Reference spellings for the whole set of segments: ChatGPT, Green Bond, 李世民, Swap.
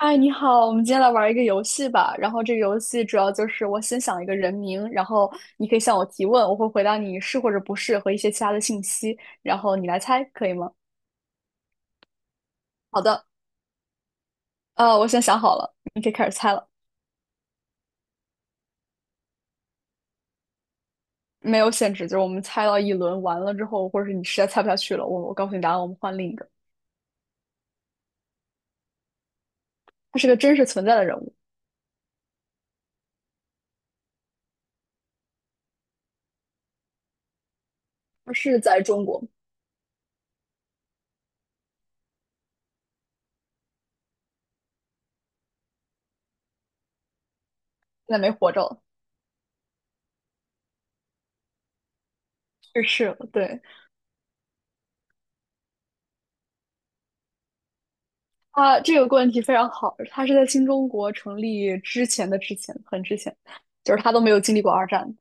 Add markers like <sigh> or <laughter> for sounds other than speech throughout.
嗨，你好，我们今天来玩一个游戏吧。然后这个游戏主要就是我先想一个人名，然后你可以向我提问，我会回答你是或者不是和一些其他的信息，然后你来猜，可以吗？好的，我先想好了，你可以开始猜了，没有限制，就是我们猜到一轮完了之后，或者是你实在猜不下去了，我告诉你答案，我们换另一个。他是个真实存在的人物，他是在中国，现在没活着了，去世了，对，他这个问题非常好，他是在新中国成立之前的之前，很之前，就是他都没有经历过二战。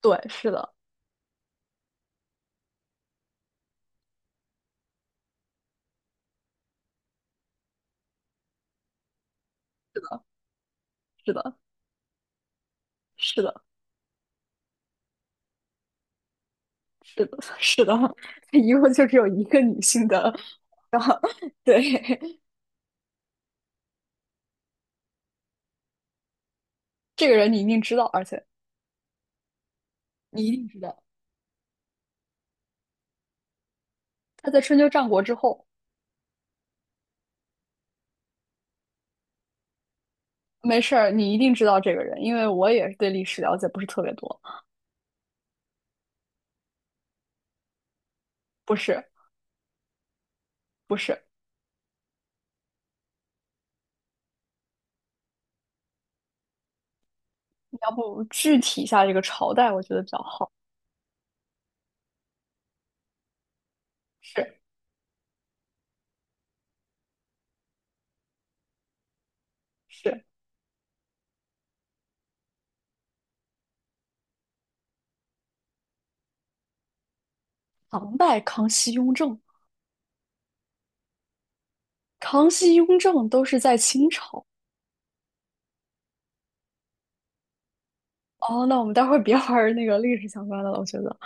对，是的，是的，是的，是的，是的，是的，<laughs> 他一共就只有一个女性的，然后对 <laughs> 这个人你一定知道，而且你一定知道他在春秋战国之后，没事儿，你一定知道这个人，因为我也是对历史了解不是特别多，不是不是，你要不具体一下这个朝代，我觉得比较好，是是唐代康熙雍正。康熙、雍正都是在清朝。哦，那我们待会儿别玩儿那个历史相关的了，我觉得。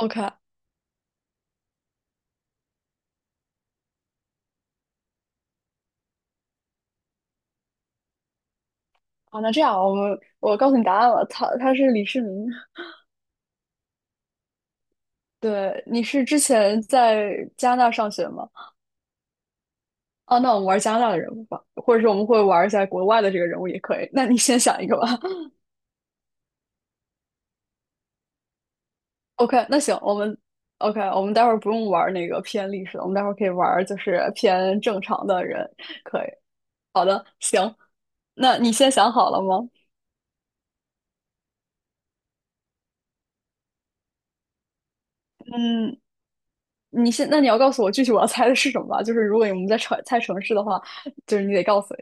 OK，好，那这样我告诉你答案了，他是李世民。对，你是之前在加拿大上学吗？哦，那我们玩加拿大的人物吧，或者是我们会玩一下国外的这个人物也可以。那你先想一个吧。<laughs> OK，那行，OK，我们待会儿不用玩那个偏历史了，我们待会儿可以玩就是偏正常的人，可以。好的，行，那你先想好了吗？嗯，那你要告诉我具体我要猜的是什么吧？就是如果我们在猜猜城市的话，就是你得告诉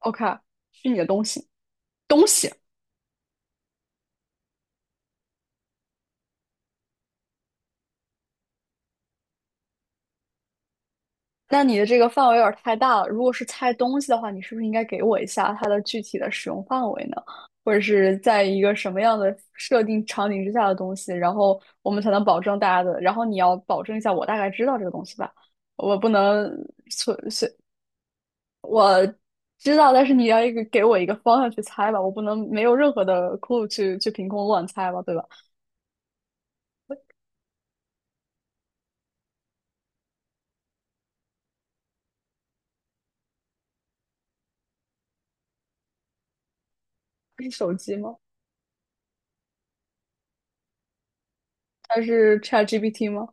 我，OK，是你的东西，东西。那你的这个范围有点太大了。如果是猜东西的话，你是不是应该给我一下它的具体的使用范围呢？或者是在一个什么样的设定场景之下的东西，然后我们才能保证大家的，然后你要保证一下我大概知道这个东西吧，我不能随随知道，但是你要一个给我一个方向去猜吧，我不能没有任何的 clue 去凭空乱猜吧，对吧？是手机吗？还是 ChatGPT 吗？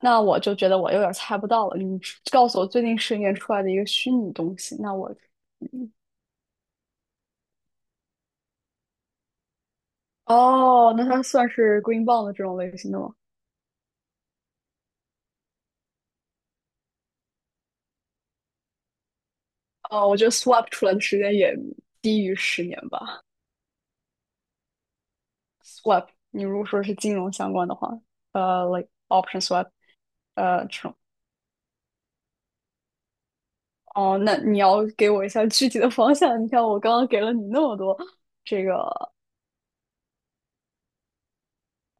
那我就觉得我有点儿猜不到了。你告诉我最近十年出来的一个虚拟东西，那我，嗯哦，那它算是 Green Bond 这种类型的吗？哦，我觉得 Swap 出来的时间也低于10年吧。Swap，你如果说是金融相关的话，like option swap，这种。哦，那你要给我一下具体的方向。你看，我刚刚给了你那么多这个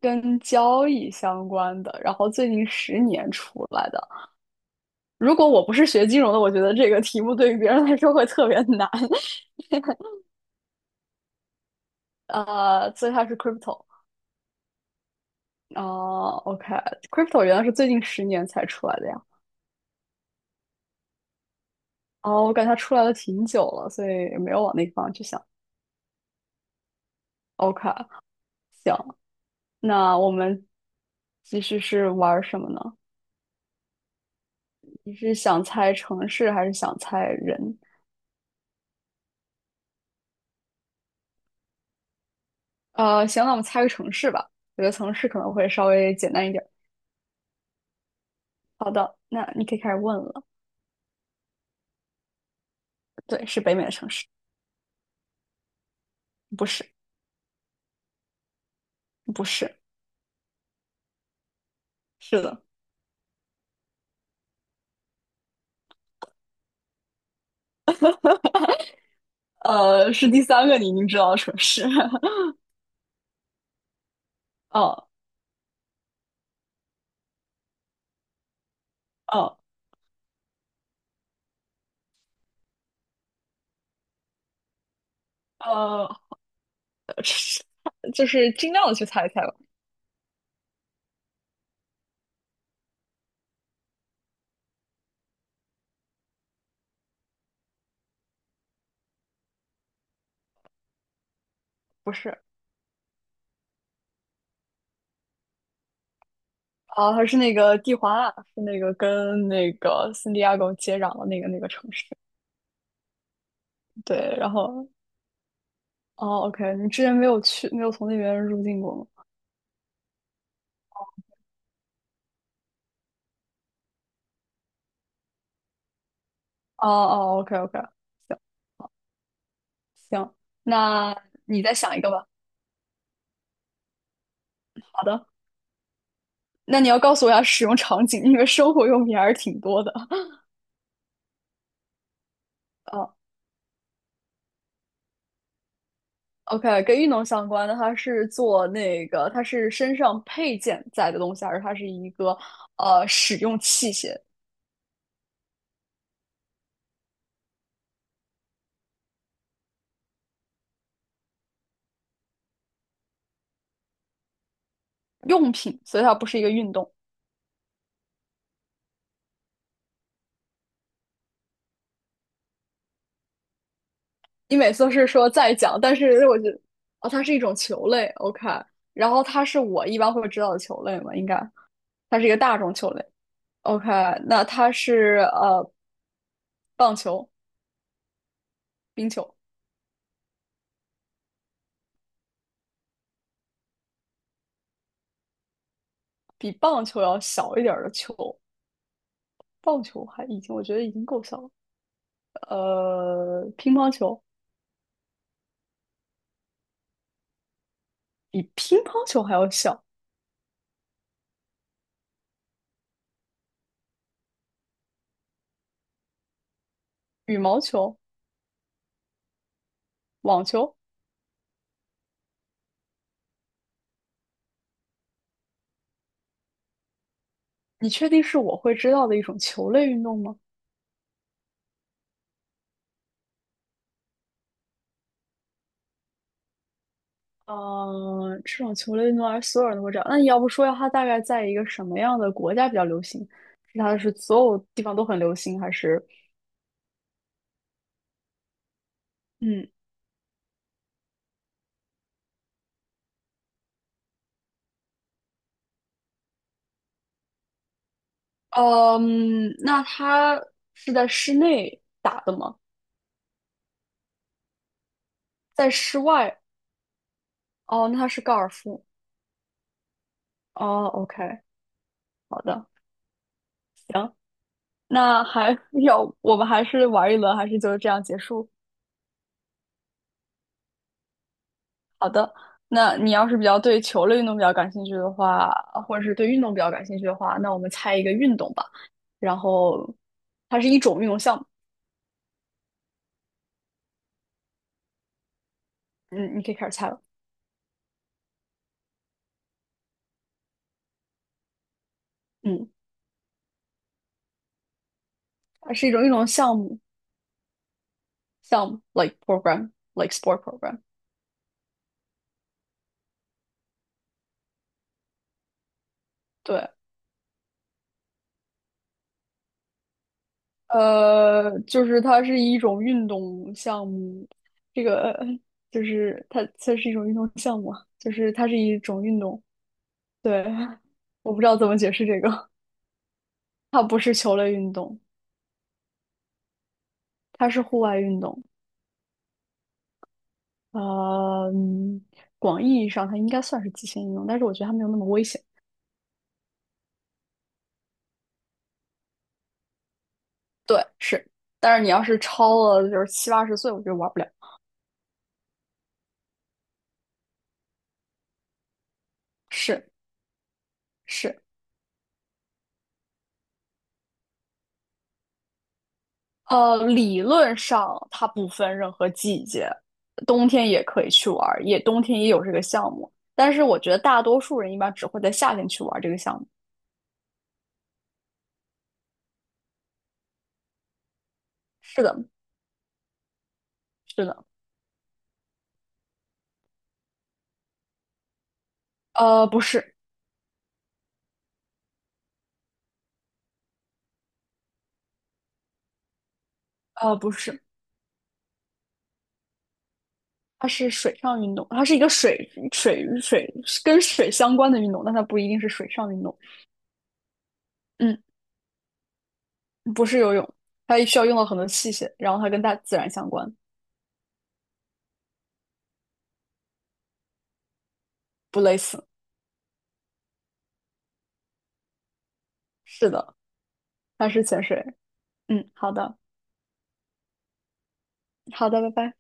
跟交易相关的，然后最近十年出来的。如果我不是学金融的，我觉得这个题目对于别人来说会特别难。所以它是 crypto。哦，OK，crypto okay。 原来是最近10年才出来的呀。哦，我感觉它出来了挺久了，所以没有往那个方向去想。OK，行，那我们其实是玩什么呢？你是想猜城市还是想猜人？行，那我们猜个城市吧。我觉得城市可能会稍微简单一点。好的，那你可以开始问了。对，是北美的城市，不是，不是，是的，是第三个你已经知道的城市。<laughs> 哦哦呃，<laughs> 是就是尽量的去猜一猜吧。不是啊，还是那个蒂华纳，是那个跟那个圣地亚哥接壤的那个城市。对，然后哦，OK，你之前没有从那边入境过吗？哦哦，OK OK，行行，那你再想一个吧。好的。那你要告诉我一下使用场景，因为生活用品还是挺多的。啊。o k 跟运动相关的，它是做那个，它是身上配件在的东西，还是它是一个使用器械用品？所以它不是一个运动。你每次都是说在讲，但是我觉得哦，它是一种球类，OK。然后它是我一般会知道的球类嘛，应该它是一个大众球类，OK。那它是棒球、冰球，比棒球要小一点的球。棒球还已经，我觉得已经够小了。乒乓球比乒乓球还要小，羽毛球、网球，你确定是我会知道的一种球类运动吗？嗯，这种球类运动还是所有人都会知道。那你要不说一下它大概在一个什么样的国家比较流行？是它是所有地方都很流行，还是嗯嗯？那它是在室内打的吗？在室外？哦，那它是高尔夫。哦，OK，好的，行。那还要 <laughs> 我们还是玩一轮，还是就这样结束？好的，那你要是比较对球类运动比较感兴趣的话，或者是对运动比较感兴趣的话，那我们猜一个运动吧。然后它是一种运动项目，嗯，你可以开始猜了。嗯，它是一种运动项目，项目 like program like sport program。对，就是它是一种运动项目，这个 <laughs> 就是它是一种运动项目啊就是它是一种运动。<laughs> 对，我不知道怎么解释这个，它不是球类运动，它是户外运动。呃，嗯广义意义上它应该算是极限运动，但是我觉得它没有那么危险。对，是，但是你要是超了就是七八十岁，我觉得玩不了。是是，理论上它不分任何季节，冬天也可以去玩儿，也冬天也有这个项目，但是我觉得大多数人一般只会在夏天去玩儿这个项目。是的，是的，不是，不是。它是水上运动，它是一个水水水跟水相关的运动，但它不一定是水上运动。嗯，不是游泳，它需要用到很多器械，然后它跟大自然相关，不类似。是的，它是潜水。嗯，好的，好的，拜拜。